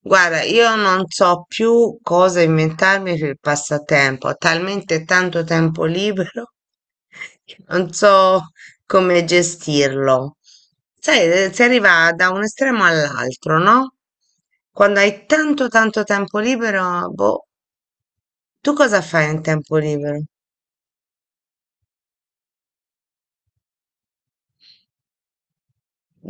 Guarda, io non so più cosa inventarmi per il passatempo, ho talmente tanto tempo libero che non so come gestirlo. Sai, si arriva da un estremo all'altro, no? Quando hai tanto tanto tempo libero, boh, tu cosa fai in tempo libero?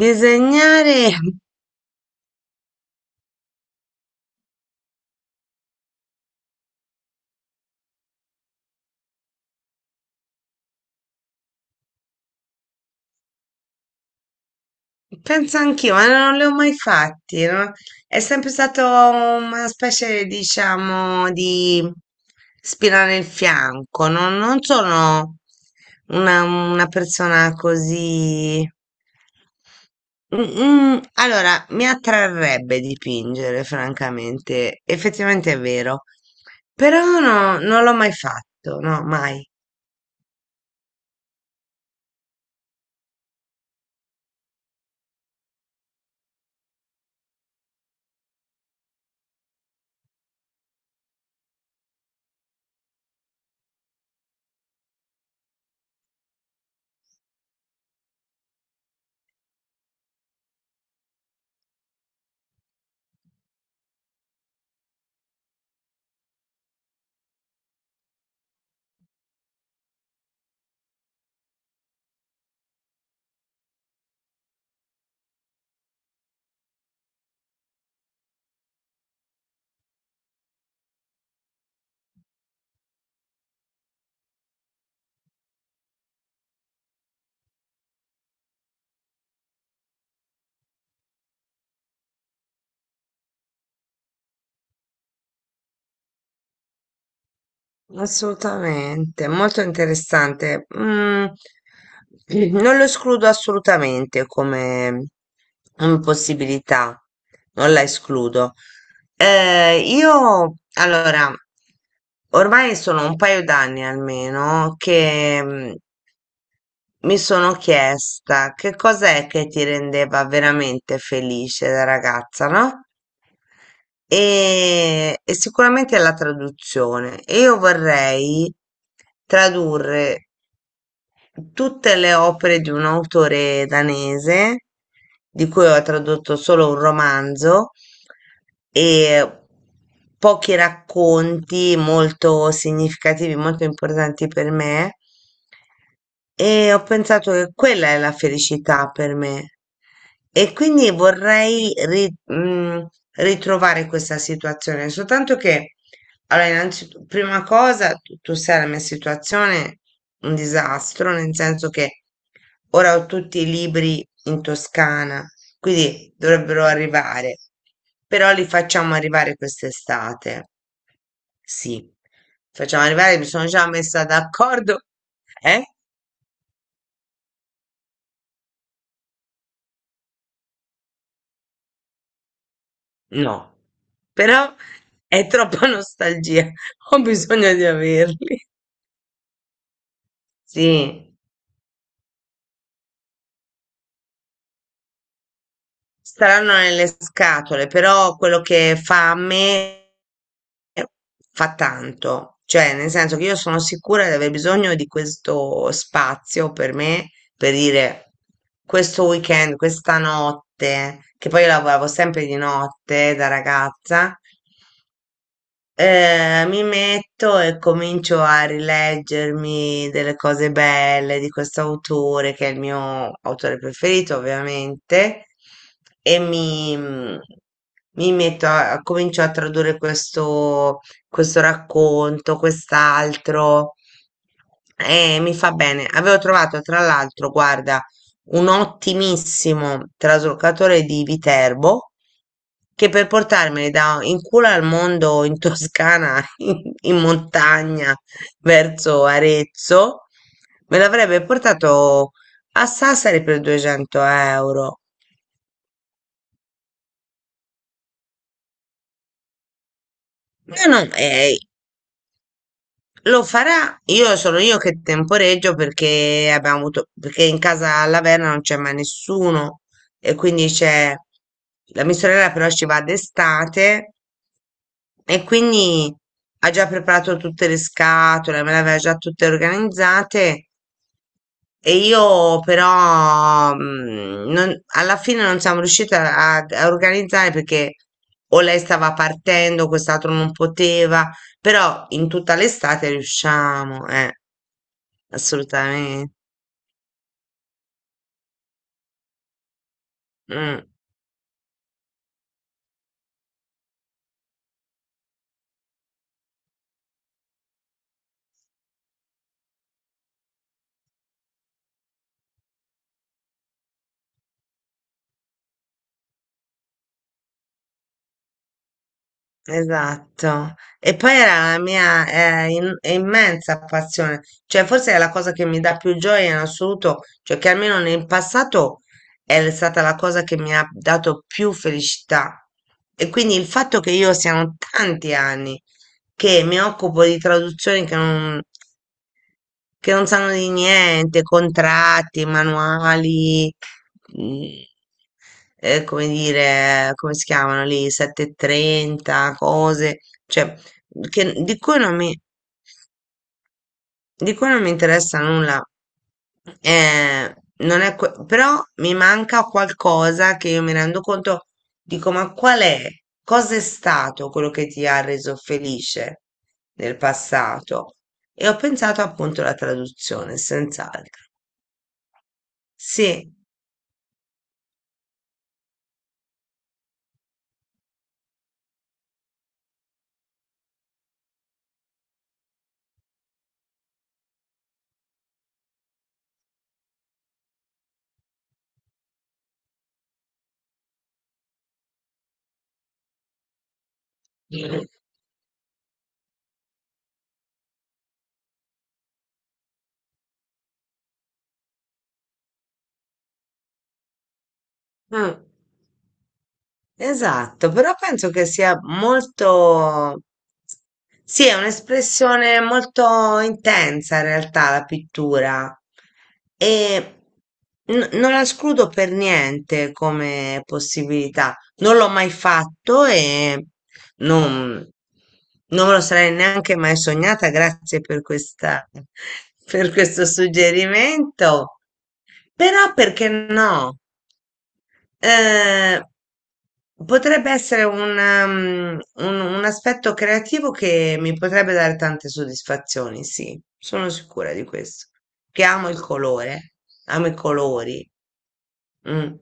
Disegnare. Penso anch'io, ma non li ho mai fatti, no? È sempre stato una specie, diciamo, di spina nel fianco, no? Non sono una persona così. Mm, Allora, mi attrarrebbe dipingere, francamente. Effettivamente è vero, però no, non l'ho mai fatto, no, mai. Assolutamente, molto interessante. Non lo escludo assolutamente come possibilità, non la escludo. Io, allora, ormai sono un paio d'anni almeno che mi sono chiesta che cos'è che ti rendeva veramente felice da ragazza, no? E sicuramente è la traduzione. E io vorrei tradurre tutte le opere di un autore danese, di cui ho tradotto solo un romanzo, e pochi racconti molto significativi, molto importanti per me. E ho pensato che quella è la felicità per me. E quindi vorrei ritrovare questa situazione, soltanto che allora, innanzitutto, prima cosa, tu sai la mia situazione, è un disastro, nel senso che ora ho tutti i libri in Toscana, quindi dovrebbero arrivare, però li facciamo arrivare quest'estate. Sì, facciamo arrivare, mi sono già messa d'accordo. Eh? No, però è troppa nostalgia, ho bisogno di averli. Sì. Staranno nelle scatole, però quello che fa a me fa tanto, cioè nel senso che io sono sicura di aver bisogno di questo spazio per me, per dire questo weekend, questa notte, che poi io lavoravo sempre di notte da ragazza, mi metto e comincio a rileggermi delle cose belle di questo autore, che è il mio autore preferito, ovviamente, e mi metto comincio a tradurre questo, questo racconto, quest'altro, e mi fa bene. Avevo trovato, tra l'altro, guarda, un ottimissimo traslocatore di Viterbo che per portarmeli da in culo al mondo in Toscana, in montagna, verso Arezzo, me l'avrebbe portato a Sassari per 200 euro. No, no, lo farà. Io sono io che temporeggio perché abbiamo avuto, perché in casa alla Verna non c'è mai nessuno e quindi c'è la mia sorella però ci va d'estate. E quindi ha già preparato tutte le scatole, me le aveva già tutte organizzate e io però alla fine non siamo riusciti a organizzare perché o lei stava partendo, quest'altro non poteva, però in tutta l'estate riusciamo, assolutamente. Mm. Esatto. E poi era la mia immensa passione, cioè forse è la cosa che mi dà più gioia in assoluto, cioè che almeno nel passato è stata la cosa che mi ha dato più felicità. E quindi il fatto che io siano tanti anni che mi occupo di traduzioni che non sanno di niente, contratti, manuali, mm, come dire, come si chiamano lì, 730, cose, cioè, che- di cui non mi, di cui non mi interessa nulla. Non è que- però mi manca qualcosa che io mi rendo conto, dico, ma qual è? Cosa è stato quello che ti ha reso felice nel passato? E ho pensato appunto alla traduzione, senz'altro. Sì, mm, esatto, però penso che sia molto, sì, è un'espressione molto intensa in realtà la pittura e non la escludo per niente come possibilità. Non l'ho mai fatto e non, non me lo sarei neanche mai sognata. Grazie per questo suggerimento. Però perché no? Eh, potrebbe essere un aspetto creativo che mi potrebbe dare tante soddisfazioni, sì, sono sicura di questo. Che amo il colore, amo i colori. Mm,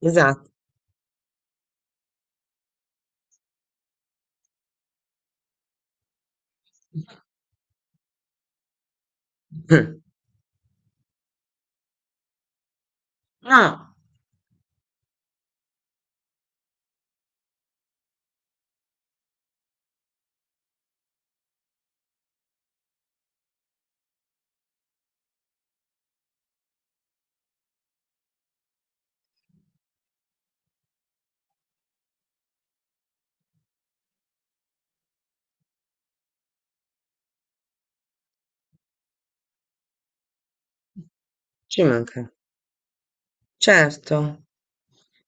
esatto. No, ci manca. Certo.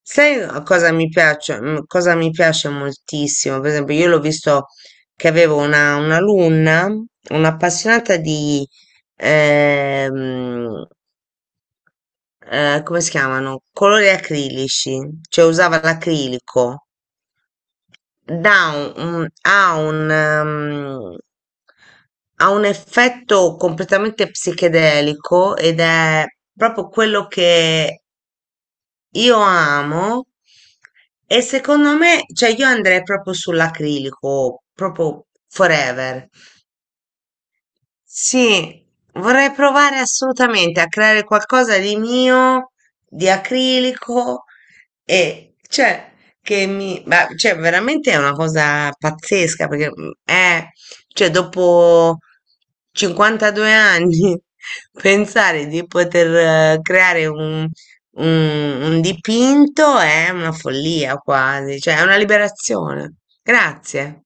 Sai a cosa mi piace mhmm, cosa mi piace moltissimo? Per esempio, io l'ho visto che avevo una un'alunna, un'appassionata di, ehm, come si chiamano, colori acrilici, cioè usava l'acrilico. Dà un ha un mhmm, ha un effetto completamente psichedelico ed è proprio quello che io amo e secondo me, cioè io andrei proprio sull'acrilico, proprio forever. Sì, vorrei provare assolutamente a creare qualcosa di mio, di acrilico e cioè veramente è una cosa pazzesca perché cioè dopo 52 anni pensare di poter creare un dipinto è una follia quasi, cioè è una liberazione. Grazie.